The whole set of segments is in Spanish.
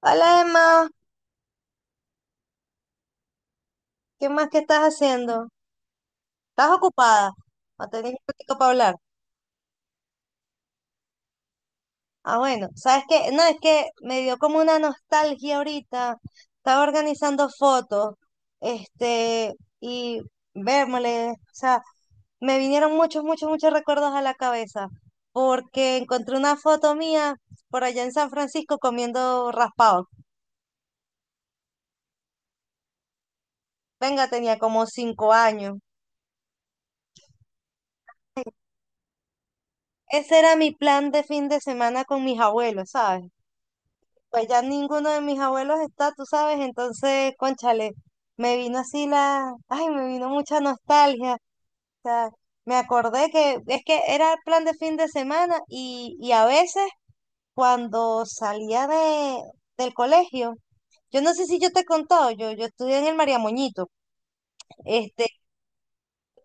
Hola Emma, ¿qué más que estás haciendo? ¿Estás ocupada? ¿O tenés un ratito para hablar? Ah, bueno, ¿sabes qué? No, es que me dio como una nostalgia ahorita. Estaba organizando fotos, este, y vérmole, o sea, me vinieron muchos, muchos, muchos recuerdos a la cabeza, porque encontré una foto mía por allá en San Francisco comiendo raspado. Venga, tenía como 5 años. Ese era mi plan de fin de semana con mis abuelos, ¿sabes? Pues ya ninguno de mis abuelos está, tú sabes, entonces, cónchale, me vino así la, ay, me vino mucha nostalgia. O sea, me acordé que es que era el plan de fin de semana y a veces cuando salía del colegio, yo no sé si yo te he contado, yo estudié en el María Moñito, este,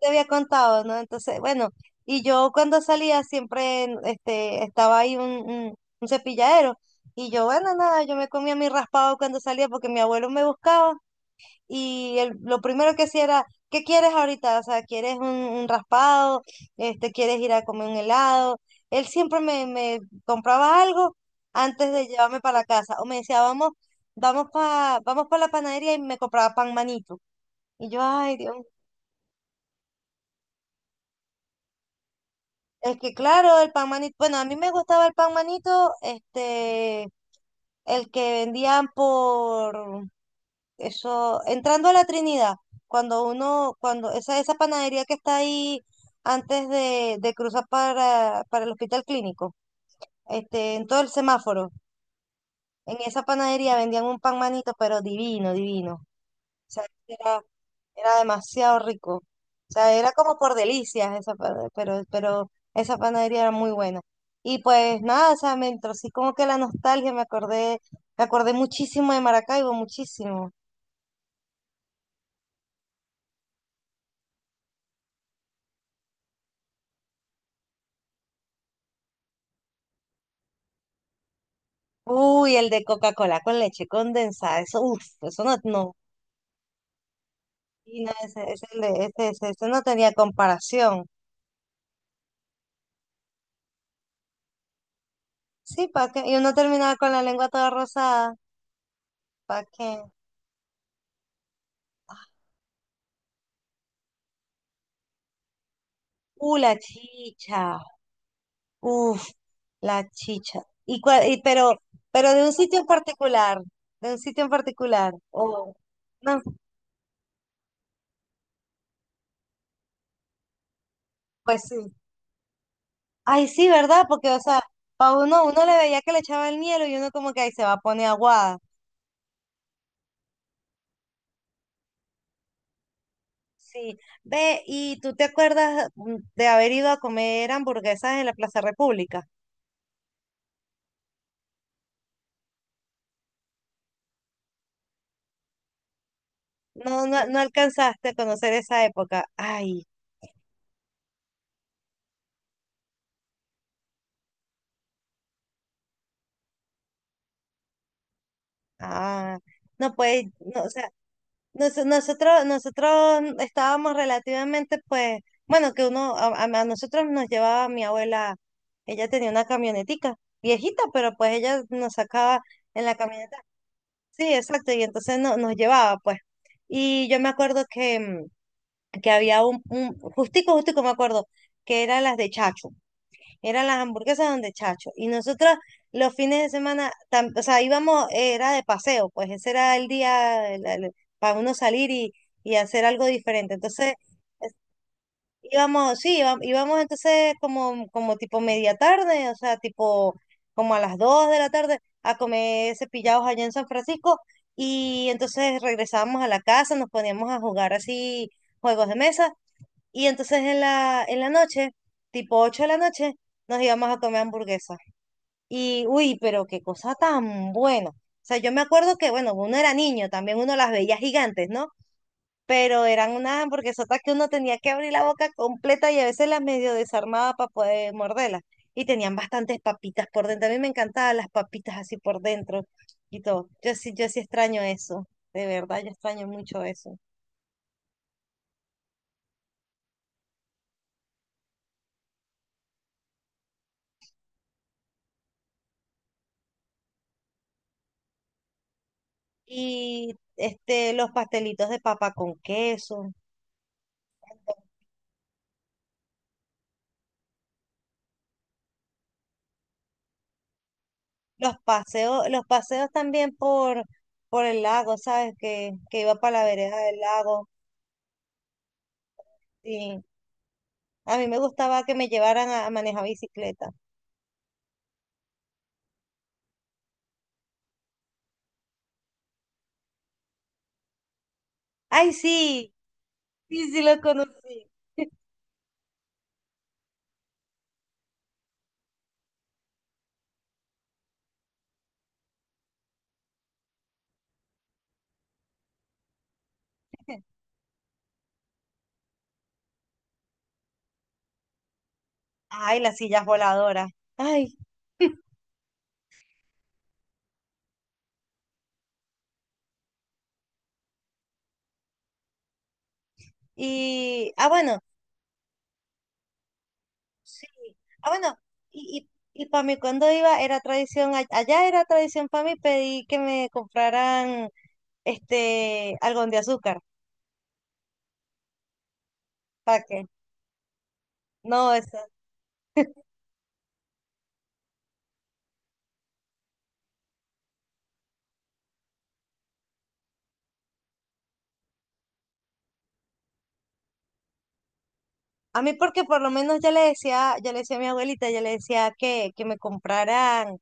te había contado, ¿no? Entonces, bueno, y yo cuando salía siempre este, estaba ahí un cepilladero. Y yo, bueno, nada, yo me comía mi raspado cuando salía porque mi abuelo me buscaba. Lo primero que hacía era, ¿qué quieres ahorita? O sea, ¿quieres un raspado? Este, ¿quieres ir a comer un helado? Él siempre me compraba algo antes de llevarme para la casa. O me decía, vamos pa la panadería y me compraba pan manito. Y yo, ay, Dios. Es que claro, el pan manito, bueno, a mí me gustaba el pan manito, este, el que vendían por eso, entrando a la Trinidad, cuando uno, cuando esa panadería que está ahí antes de cruzar para el hospital clínico, este, en todo el semáforo, en esa panadería vendían un pan manito, pero divino, divino. O sea, Era demasiado rico. O sea, era como por delicias pero esa panadería era muy buena. Y pues nada, o sea, me entró así como que la nostalgia, me acordé muchísimo de Maracaibo, muchísimo. Uy, el de Coca-Cola con leche condensada, eso, uff, eso no, no. Y no, ese, el de, ese- ese- ese no tenía comparación. Sí, ¿para qué? Y uno terminaba con la lengua toda rosada, ¿para qué? La chicha. Uf, la chicha. Y, cua- y pero, pero de un sitio en particular, de un sitio en particular. O no, pues sí. Ay, sí, ¿verdad? Porque, o sea, para uno, uno le veía que le echaba el hielo y uno como que ahí se va a poner aguada. Sí. Ve, ¿y tú te acuerdas de haber ido a comer hamburguesas en la Plaza República? No, no, no alcanzaste a conocer esa época. Ay, ah, no puedes, no, o sea, Nosotros estábamos relativamente, pues, bueno, que uno, a nosotros nos llevaba mi abuela, ella tenía una camionetica, viejita, pero pues ella nos sacaba en la camioneta. Sí, exacto, y entonces no, nos llevaba, pues. Y yo me acuerdo que había un justico, justico me acuerdo, que eran las de Chacho. Eran las hamburguesas donde Chacho. Y nosotros los fines de semana, o sea, íbamos, era de paseo, pues ese era el día para uno salir y hacer algo diferente. Entonces íbamos, sí, íbamos, entonces como tipo media tarde, o sea, tipo como a las 2 de la tarde a comer cepillados allá en San Francisco. Y entonces regresábamos a la casa, nos poníamos a jugar así juegos de mesa. Y entonces en la noche, tipo 8 de la noche, nos íbamos a comer hamburguesas. Y, uy, pero qué cosa tan buena. O sea, yo me acuerdo que, bueno, uno era niño, también uno las veía gigantes, ¿no? Pero eran unas hamburguesotas que uno tenía que abrir la boca completa y a veces las medio desarmaba para poder morderlas. Y tenían bastantes papitas por dentro. A mí me encantaban las papitas así por dentro y todo. Yo sí, yo sí extraño eso. De verdad, yo extraño mucho eso. Y este, los pastelitos de papa con queso. Los paseos también por el lago, ¿sabes? Que iba para la vereda del lago. Sí. A mí me gustaba que me llevaran a manejar bicicleta. ¡Ay, sí! Sí, sí, lo conocí. Ay, las sillas voladoras. Ay, y, ah, bueno, sí. Ah, bueno, para mí cuando iba era tradición, allá era tradición para mí pedí que me compraran este algodón de azúcar. ¿Para qué? No, eso. A mí porque por lo menos ya le decía a mi abuelita, ya le decía que me compraran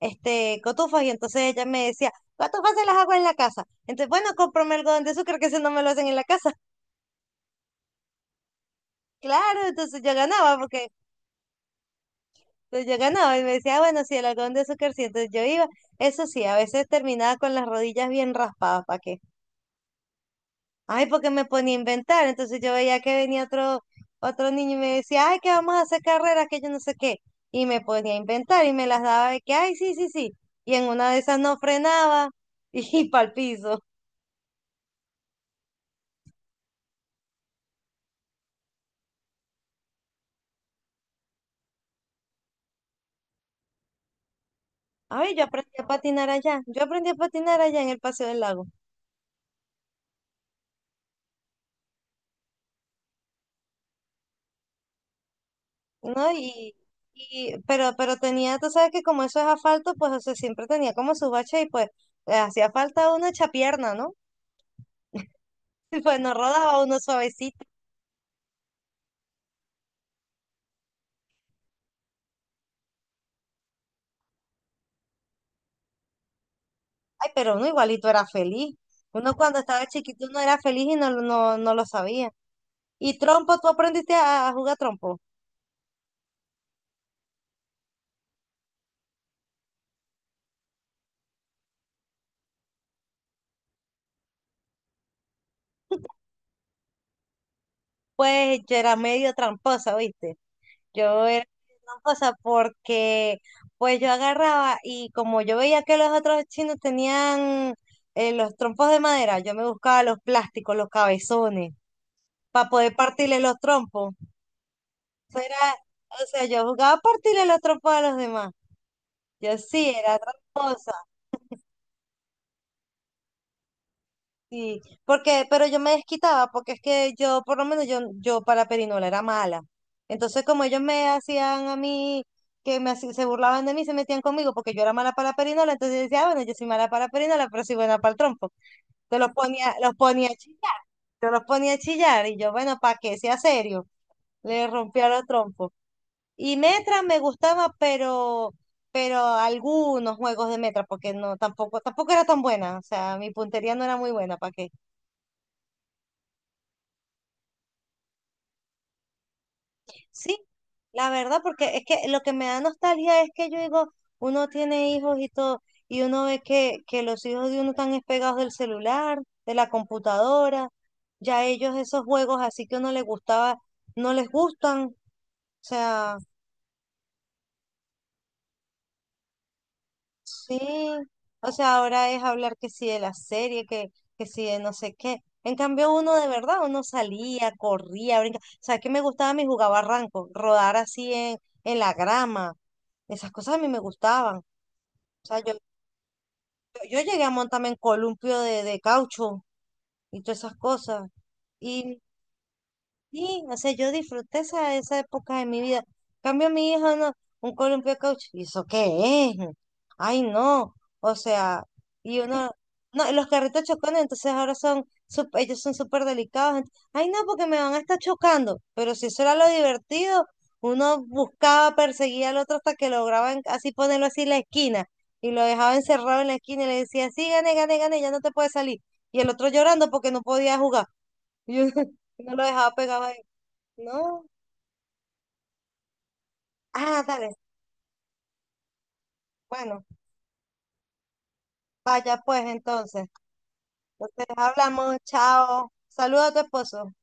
este cotufas y entonces ella me decía, cotufas se las hago en la casa. Entonces, bueno, cómprame algodón de azúcar que ese no me lo hacen en la casa. Claro, entonces yo ganaba porque entonces yo ganaba y me decía, "Ah, bueno, sí, el algodón de azúcar sí, entonces yo iba." Eso sí, a veces terminaba con las rodillas bien raspadas, ¿para qué? Ay, porque me ponía a inventar. Entonces yo veía que venía otro niño y me decía, ay, que vamos a hacer carreras, que yo no sé qué. Y me ponía a inventar y me las daba de que, ay, sí, sí, sí. Y en una de esas no frenaba y, para el piso. Ay, yo aprendí a patinar allá. Yo aprendí a patinar allá en el Paseo del Lago, ¿no? Pero tenía, tú sabes que como eso es asfalto, pues o sea, siempre tenía como su bache y pues hacía falta una chapierna, ¿no? Y pues no rodaba uno suavecito. Ay, pero uno igualito era feliz. Uno cuando estaba chiquito no era feliz y no, no, no lo sabía. ¿Y trompo? ¿Tú aprendiste a jugar trompo? Pues yo era medio tramposa, ¿viste? Yo era medio tramposa porque pues yo agarraba y como yo veía que los otros chinos tenían los trompos de madera, yo me buscaba los plásticos, los cabezones, para poder partirle los trompos. Eso era, o sea, yo jugaba a partirle los trompos a los demás. Yo sí era tramposa. Sí, porque, pero yo me desquitaba, porque es que yo, por lo menos yo para Perinola era mala. Entonces, como ellos me hacían a mí, se burlaban de mí, se metían conmigo, porque yo era mala para Perinola, entonces yo decía, "Ah, bueno, yo soy mala para Perinola, pero soy buena para el trompo." Entonces los ponía a chillar, yo los ponía a chillar, y yo, bueno, para que sea serio, le rompía los trompos. Y Metra me gustaba, pero algunos juegos de Metra, porque no, tampoco era tan buena, o sea, mi puntería no era muy buena, ¿para qué? Sí, la verdad, porque es que lo que me da nostalgia es que yo digo, uno tiene hijos y todo, y uno ve que los hijos de uno están despegados del celular, de la computadora, ya ellos esos juegos así que uno les gustaba, no les gustan, o sea, sí, o sea, ahora es hablar que sí de la serie, que sí de no sé qué. En cambio, uno de verdad, uno salía, corría, brincaba. O sea, que me gustaba a mí jugar barranco, rodar así en la grama. Esas cosas a mí me gustaban. O sea, yo llegué a montarme en columpio de caucho y todas esas cosas. Y sí, o sea, yo disfruté esa época de mi vida. En cambio a mi hija, no, un columpio de caucho. ¿Y eso qué es? Ay, no. O sea, y uno, no, y los carritos chocones, entonces ahora son, ellos son súper delicados. Ay, no, porque me van a estar chocando. Pero si eso era lo divertido, uno buscaba, perseguía al otro hasta que lograba así ponerlo así en la esquina. Y lo dejaba encerrado en la esquina y le decía, sí, gane, gane, gane, ya no te puedes salir. Y el otro llorando porque no podía jugar. No lo dejaba pegado no. Ah, dale. Bueno, vaya pues entonces. Entonces hablamos, chao. Saludos a tu esposo.